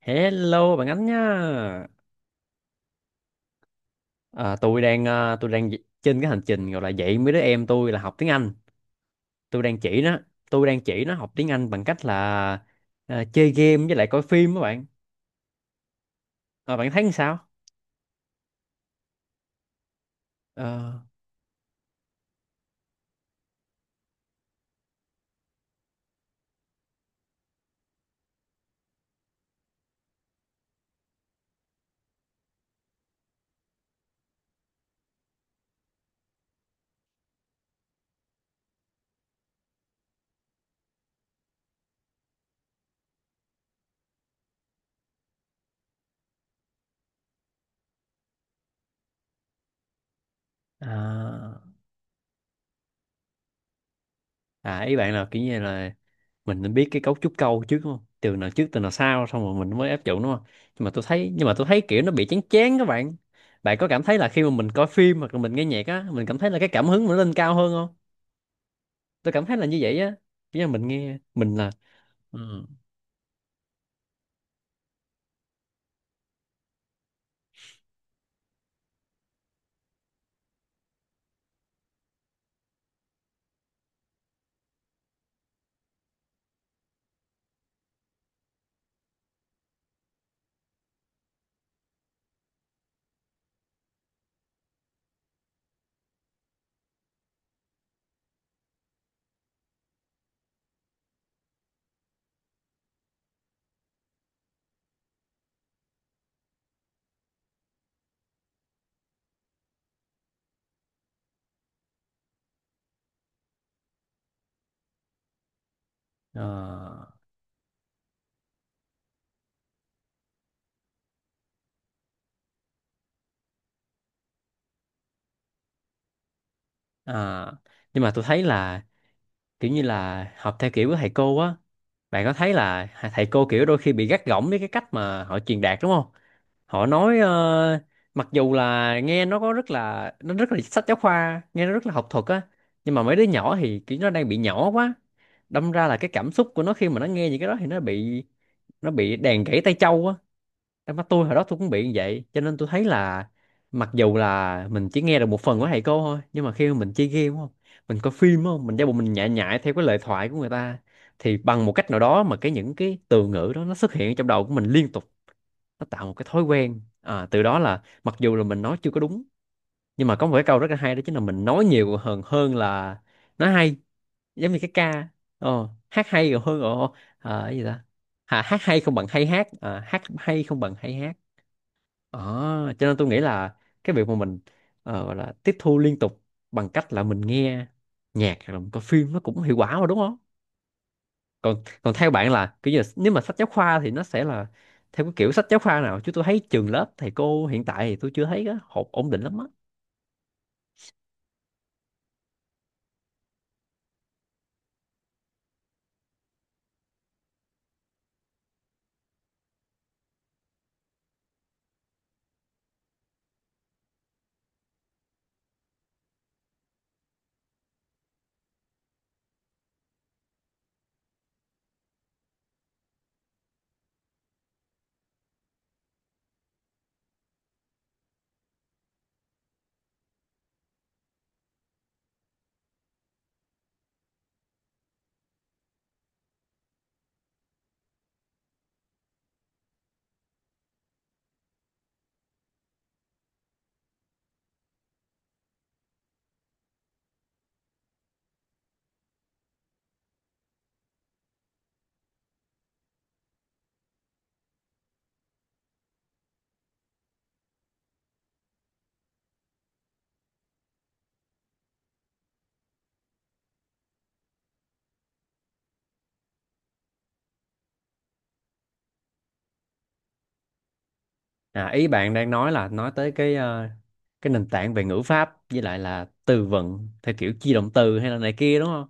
Hello bạn Ánh nhá. Tôi đang trên cái hành trình gọi là dạy mấy đứa em tôi là học tiếng Anh. Tôi đang chỉ nó, tôi đang chỉ nó học tiếng Anh bằng cách là chơi game với lại coi phim các bạn. À, bạn thấy sao? Ờ, à, ý bạn là kiểu như là mình nên biết cái cấu trúc câu trước đúng không? Từ nào trước từ nào sau xong rồi mình mới áp dụng đúng không? Nhưng mà tôi thấy kiểu nó bị chán chán các bạn. Bạn có cảm thấy là khi mà mình coi phim hoặc là mình nghe nhạc á, mình cảm thấy là cái cảm hứng mình nó lên cao hơn không? Tôi cảm thấy là như vậy á, nhưng mà mình nghe mình là ừ, ờ, à. Nhưng mà tôi thấy là kiểu như là học theo kiểu của thầy cô á, bạn có thấy là thầy cô kiểu đôi khi bị gắt gỏng với cái cách mà họ truyền đạt đúng không? Họ nói mặc dù là nghe nó có rất là nó rất là sách giáo khoa, nghe nó rất là học thuật á, nhưng mà mấy đứa nhỏ thì kiểu nó đang bị nhỏ quá, đâm ra là cái cảm xúc của nó khi mà nó nghe những cái đó thì nó bị đàn gãy tay châu á. Em mắt tôi hồi đó tôi cũng bị như vậy, cho nên tôi thấy là mặc dù là mình chỉ nghe được một phần của thầy cô thôi, nhưng mà khi mà mình chơi game đúng không, mình coi phim đúng không, mình giả bộ mình nhại nhại theo cái lời thoại của người ta, thì bằng một cách nào đó mà cái những cái từ ngữ đó nó xuất hiện trong đầu của mình liên tục, nó tạo một cái thói quen. Từ đó là mặc dù là mình nói chưa có đúng, nhưng mà có một cái câu rất là hay, đó chính là mình nói nhiều hơn hơn là nói hay, giống như cái ca hát hay còn hơn cái gì ta, hát hay không bằng hay hát, hát hay không bằng hay hát. Ờ, cho nên tôi nghĩ là cái việc mà mình gọi là tiếp thu liên tục bằng cách là mình nghe nhạc hoặc là mình coi phim nó cũng hiệu quả mà đúng không? Còn còn theo bạn là kiểu như là, nếu mà sách giáo khoa thì nó sẽ là theo cái kiểu sách giáo khoa nào? Chứ tôi thấy trường lớp thầy cô hiện tại thì tôi chưa thấy cái hộp ổn định lắm á. À, ý bạn đang nói là nói tới cái cái nền tảng về ngữ pháp với lại là từ vựng theo kiểu chia động từ hay là này kia đúng không?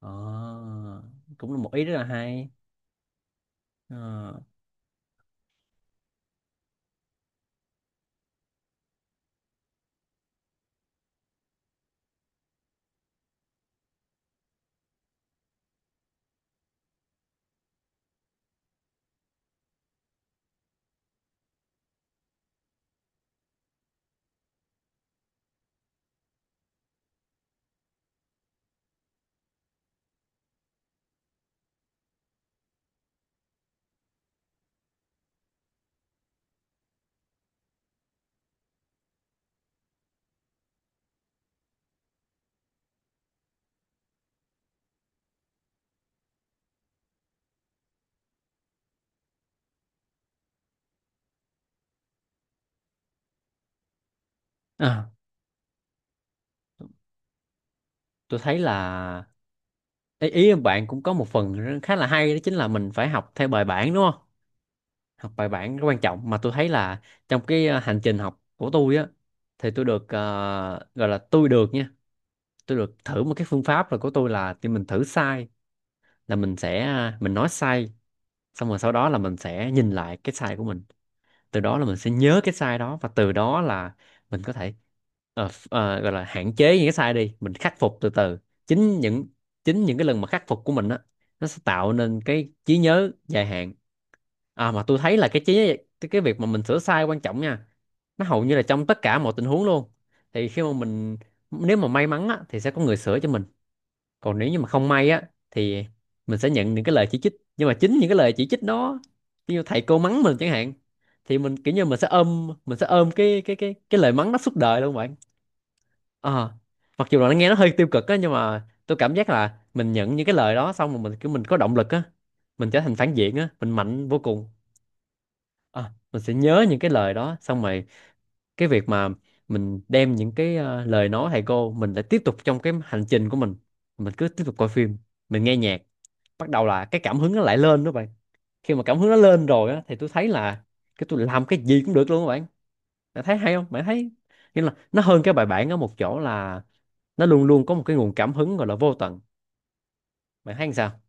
Ờ, cũng là một ý rất là hay. Ờ. À, tôi thấy là ý em bạn cũng có một phần khá là hay, đó chính là mình phải học theo bài bản đúng không? Học bài bản rất quan trọng mà tôi thấy là trong cái hành trình học của tôi á, thì tôi được ờ, gọi là tôi được nha, tôi được thử một cái phương pháp rồi của tôi là thì mình thử sai, là mình sẽ mình nói sai, xong rồi sau đó là mình sẽ nhìn lại cái sai của mình, từ đó là mình sẽ nhớ cái sai đó và từ đó là mình có thể gọi là hạn chế những cái sai đi, mình khắc phục từ từ. Chính những chính những cái lần mà khắc phục của mình á, nó sẽ tạo nên cái trí nhớ dài hạn. À mà tôi thấy là cái trí cái việc mà mình sửa sai quan trọng nha, nó hầu như là trong tất cả mọi tình huống luôn. Thì khi mà mình, nếu mà may mắn á, thì sẽ có người sửa cho mình, còn nếu như mà không may á, thì mình sẽ nhận những cái lời chỉ trích, nhưng mà chính những cái lời chỉ trích đó, như thầy cô mắng mình chẳng hạn, thì mình kiểu như mình sẽ ôm cái lời mắng đó suốt đời luôn bạn. Ờ, mặc dù là nó nghe nó hơi tiêu cực á, nhưng mà tôi cảm giác là mình nhận những cái lời đó xong rồi mình kiểu mình có động lực á, mình trở thành phản diện á, mình mạnh vô cùng. Ờ, mình sẽ nhớ những cái lời đó xong rồi, cái việc mà mình đem những cái lời nói thầy cô mình lại tiếp tục trong cái hành trình của mình cứ tiếp tục coi phim, mình nghe nhạc, bắt đầu là cái cảm hứng nó lại lên đó bạn. Khi mà cảm hứng nó lên rồi á thì tôi thấy là cái tôi làm cái gì cũng được luôn các bạn. Bạn thấy hay không, bạn thấy nghĩa là nó hơn cái bài bản ở một chỗ là nó luôn luôn có một cái nguồn cảm hứng gọi là vô tận. Bạn thấy làm sao?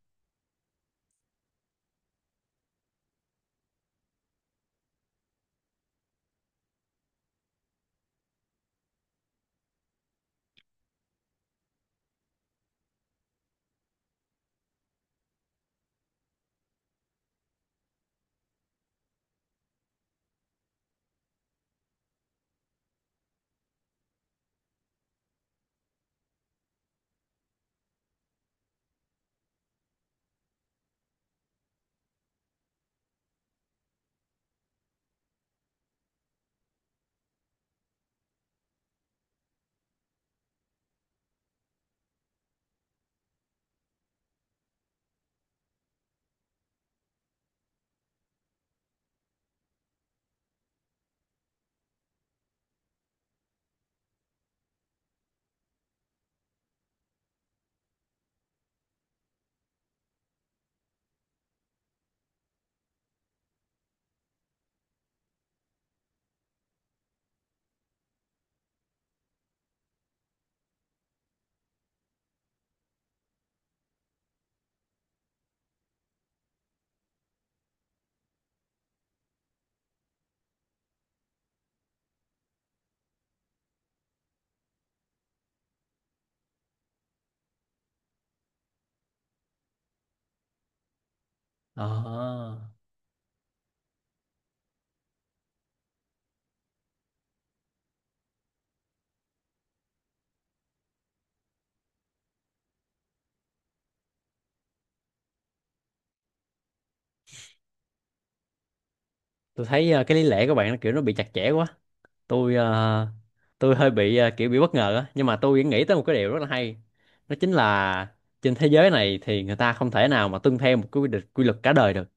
Ờ, tôi thấy cái lý lẽ của bạn nó kiểu nó bị chặt chẽ quá. Tôi ờ, tôi hơi bị kiểu bị bất ngờ á, nhưng mà tôi nghĩ tới một cái điều rất là hay, đó chính là trên thế giới này thì người ta không thể nào mà tuân theo một cái quy định quy luật cả đời được.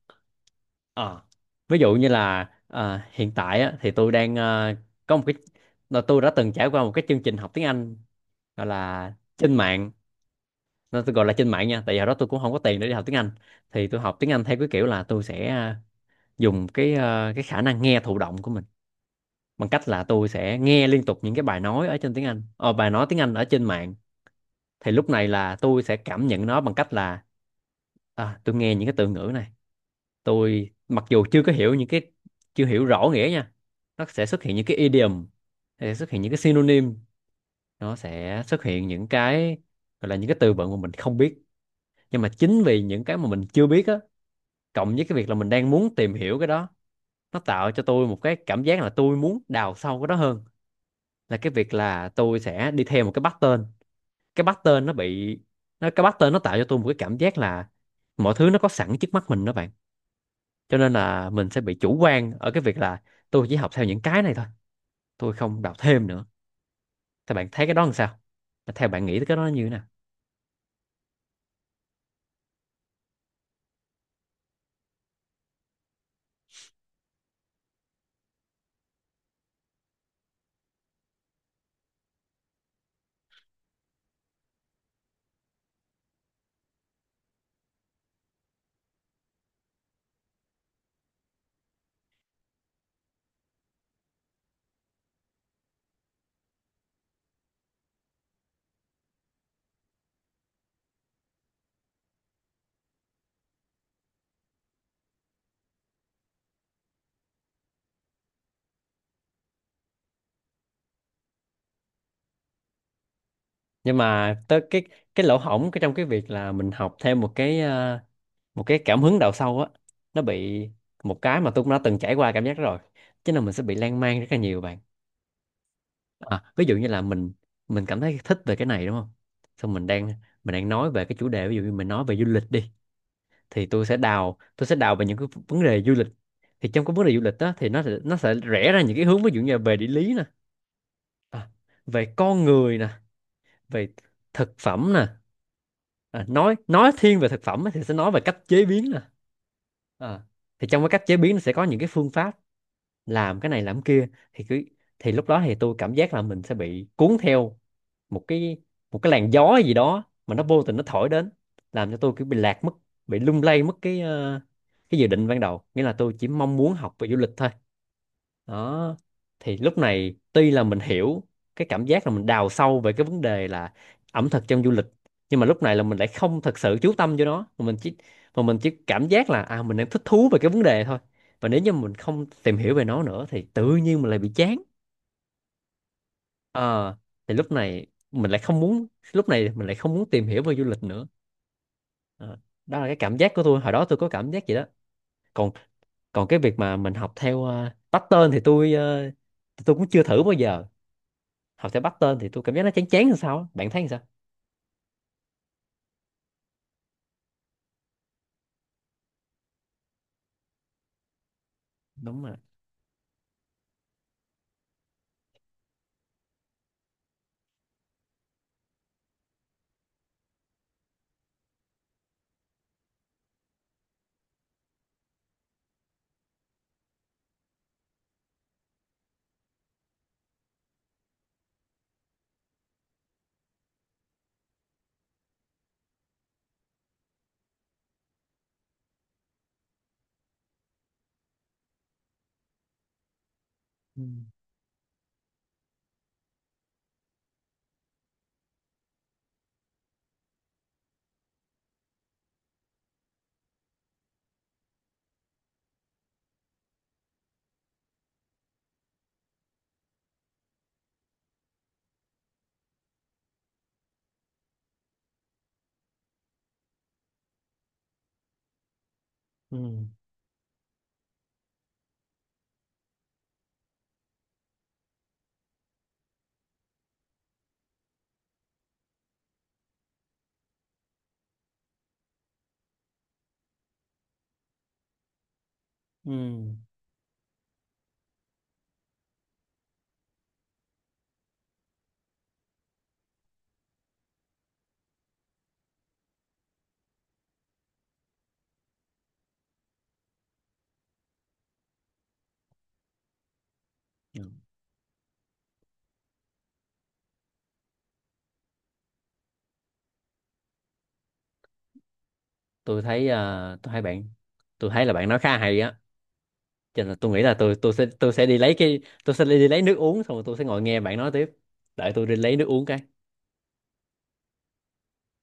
Ờ. Ví dụ như là hiện tại á, thì tôi đang có một cái là tôi đã từng trải qua một cái chương trình học tiếng Anh gọi là trên mạng, nó tôi gọi là trên mạng nha, tại vì hồi đó tôi cũng không có tiền để đi học tiếng Anh. Thì tôi học tiếng Anh theo cái kiểu là tôi sẽ dùng cái cái khả năng nghe thụ động của mình, bằng cách là tôi sẽ nghe liên tục những cái bài nói ở trên tiếng Anh, bài nói tiếng Anh ở trên mạng. Thì lúc này là tôi sẽ cảm nhận nó bằng cách là à, tôi nghe những cái từ ngữ này, tôi mặc dù chưa có hiểu những cái, chưa hiểu rõ nghĩa nha, nó sẽ xuất hiện những cái idiom, nó sẽ xuất hiện những cái synonym, nó sẽ xuất hiện những cái gọi là những cái từ vựng mà mình không biết, nhưng mà chính vì những cái mà mình chưa biết á, cộng với cái việc là mình đang muốn tìm hiểu cái đó, nó tạo cho tôi một cái cảm giác là tôi muốn đào sâu cái đó hơn là cái việc là tôi sẽ đi theo một cái pattern. Cái pattern nó bị nó Cái pattern nó tạo cho tôi một cái cảm giác là mọi thứ nó có sẵn trước mắt mình đó bạn, cho nên là mình sẽ bị chủ quan ở cái việc là tôi chỉ học theo những cái này thôi, tôi không đọc thêm nữa. Thì bạn thấy cái đó làm sao, theo bạn nghĩ tới cái đó nó như thế nào? Nhưng mà tới cái lỗ hổng cái trong cái việc là mình học thêm một cái một cái cảm hứng đào sâu á, nó bị một cái mà tôi cũng đã từng trải qua cảm giác đó rồi, chứ là mình sẽ bị lan man rất là nhiều bạn. À, ví dụ như là mình cảm thấy thích về cái này đúng không, xong mình đang nói về cái chủ đề, ví dụ như mình nói về du lịch đi, thì tôi sẽ đào về những cái vấn đề du lịch. Thì trong cái vấn đề du lịch đó thì nó sẽ rẽ ra những cái hướng, ví dụ như là về địa lý nè, à, về con người nè, về thực phẩm nè, à, nói thiên về thực phẩm á, thì sẽ nói về cách chế biến nè. Ờ. Thì trong cái cách chế biến nó sẽ có những cái phương pháp làm cái này làm cái kia, thì cứ, thì lúc đó thì tôi cảm giác là mình sẽ bị cuốn theo một cái, một cái làn gió gì đó mà nó vô tình nó thổi đến, làm cho tôi kiểu bị lạc mất, bị lung lay mất cái cái dự định ban đầu, nghĩa là tôi chỉ mong muốn học về du lịch thôi. Đó. Thì lúc này tuy là mình hiểu cái cảm giác là mình đào sâu về cái vấn đề là ẩm thực trong du lịch, nhưng mà lúc này là mình lại không thật sự chú tâm vô nó, mà mình chỉ cảm giác là à mình đang thích thú về cái vấn đề thôi, và nếu như mình không tìm hiểu về nó nữa thì tự nhiên mình lại bị chán. Ờ, thì lúc này mình lại không muốn tìm hiểu về du lịch nữa. Ờ, đó là cái cảm giác của tôi hồi đó, tôi có cảm giác vậy đó. Còn còn cái việc mà mình học theo pattern thì tôi cũng chưa thử bao giờ. Học theo pattern thì tôi cảm giác nó chán chán làm sao á. Bạn thấy làm sao? Đúng rồi. Ừ. Ừ. Ừ. Ừ. Tôi thấy ờ, tôi thấy bạn tôi thấy là bạn nói khá hay á, cho nên là tôi nghĩ là tôi sẽ đi lấy cái, tôi sẽ đi lấy nước uống xong rồi tôi sẽ ngồi nghe bạn nói tiếp. Đợi tôi đi lấy nước uống cái.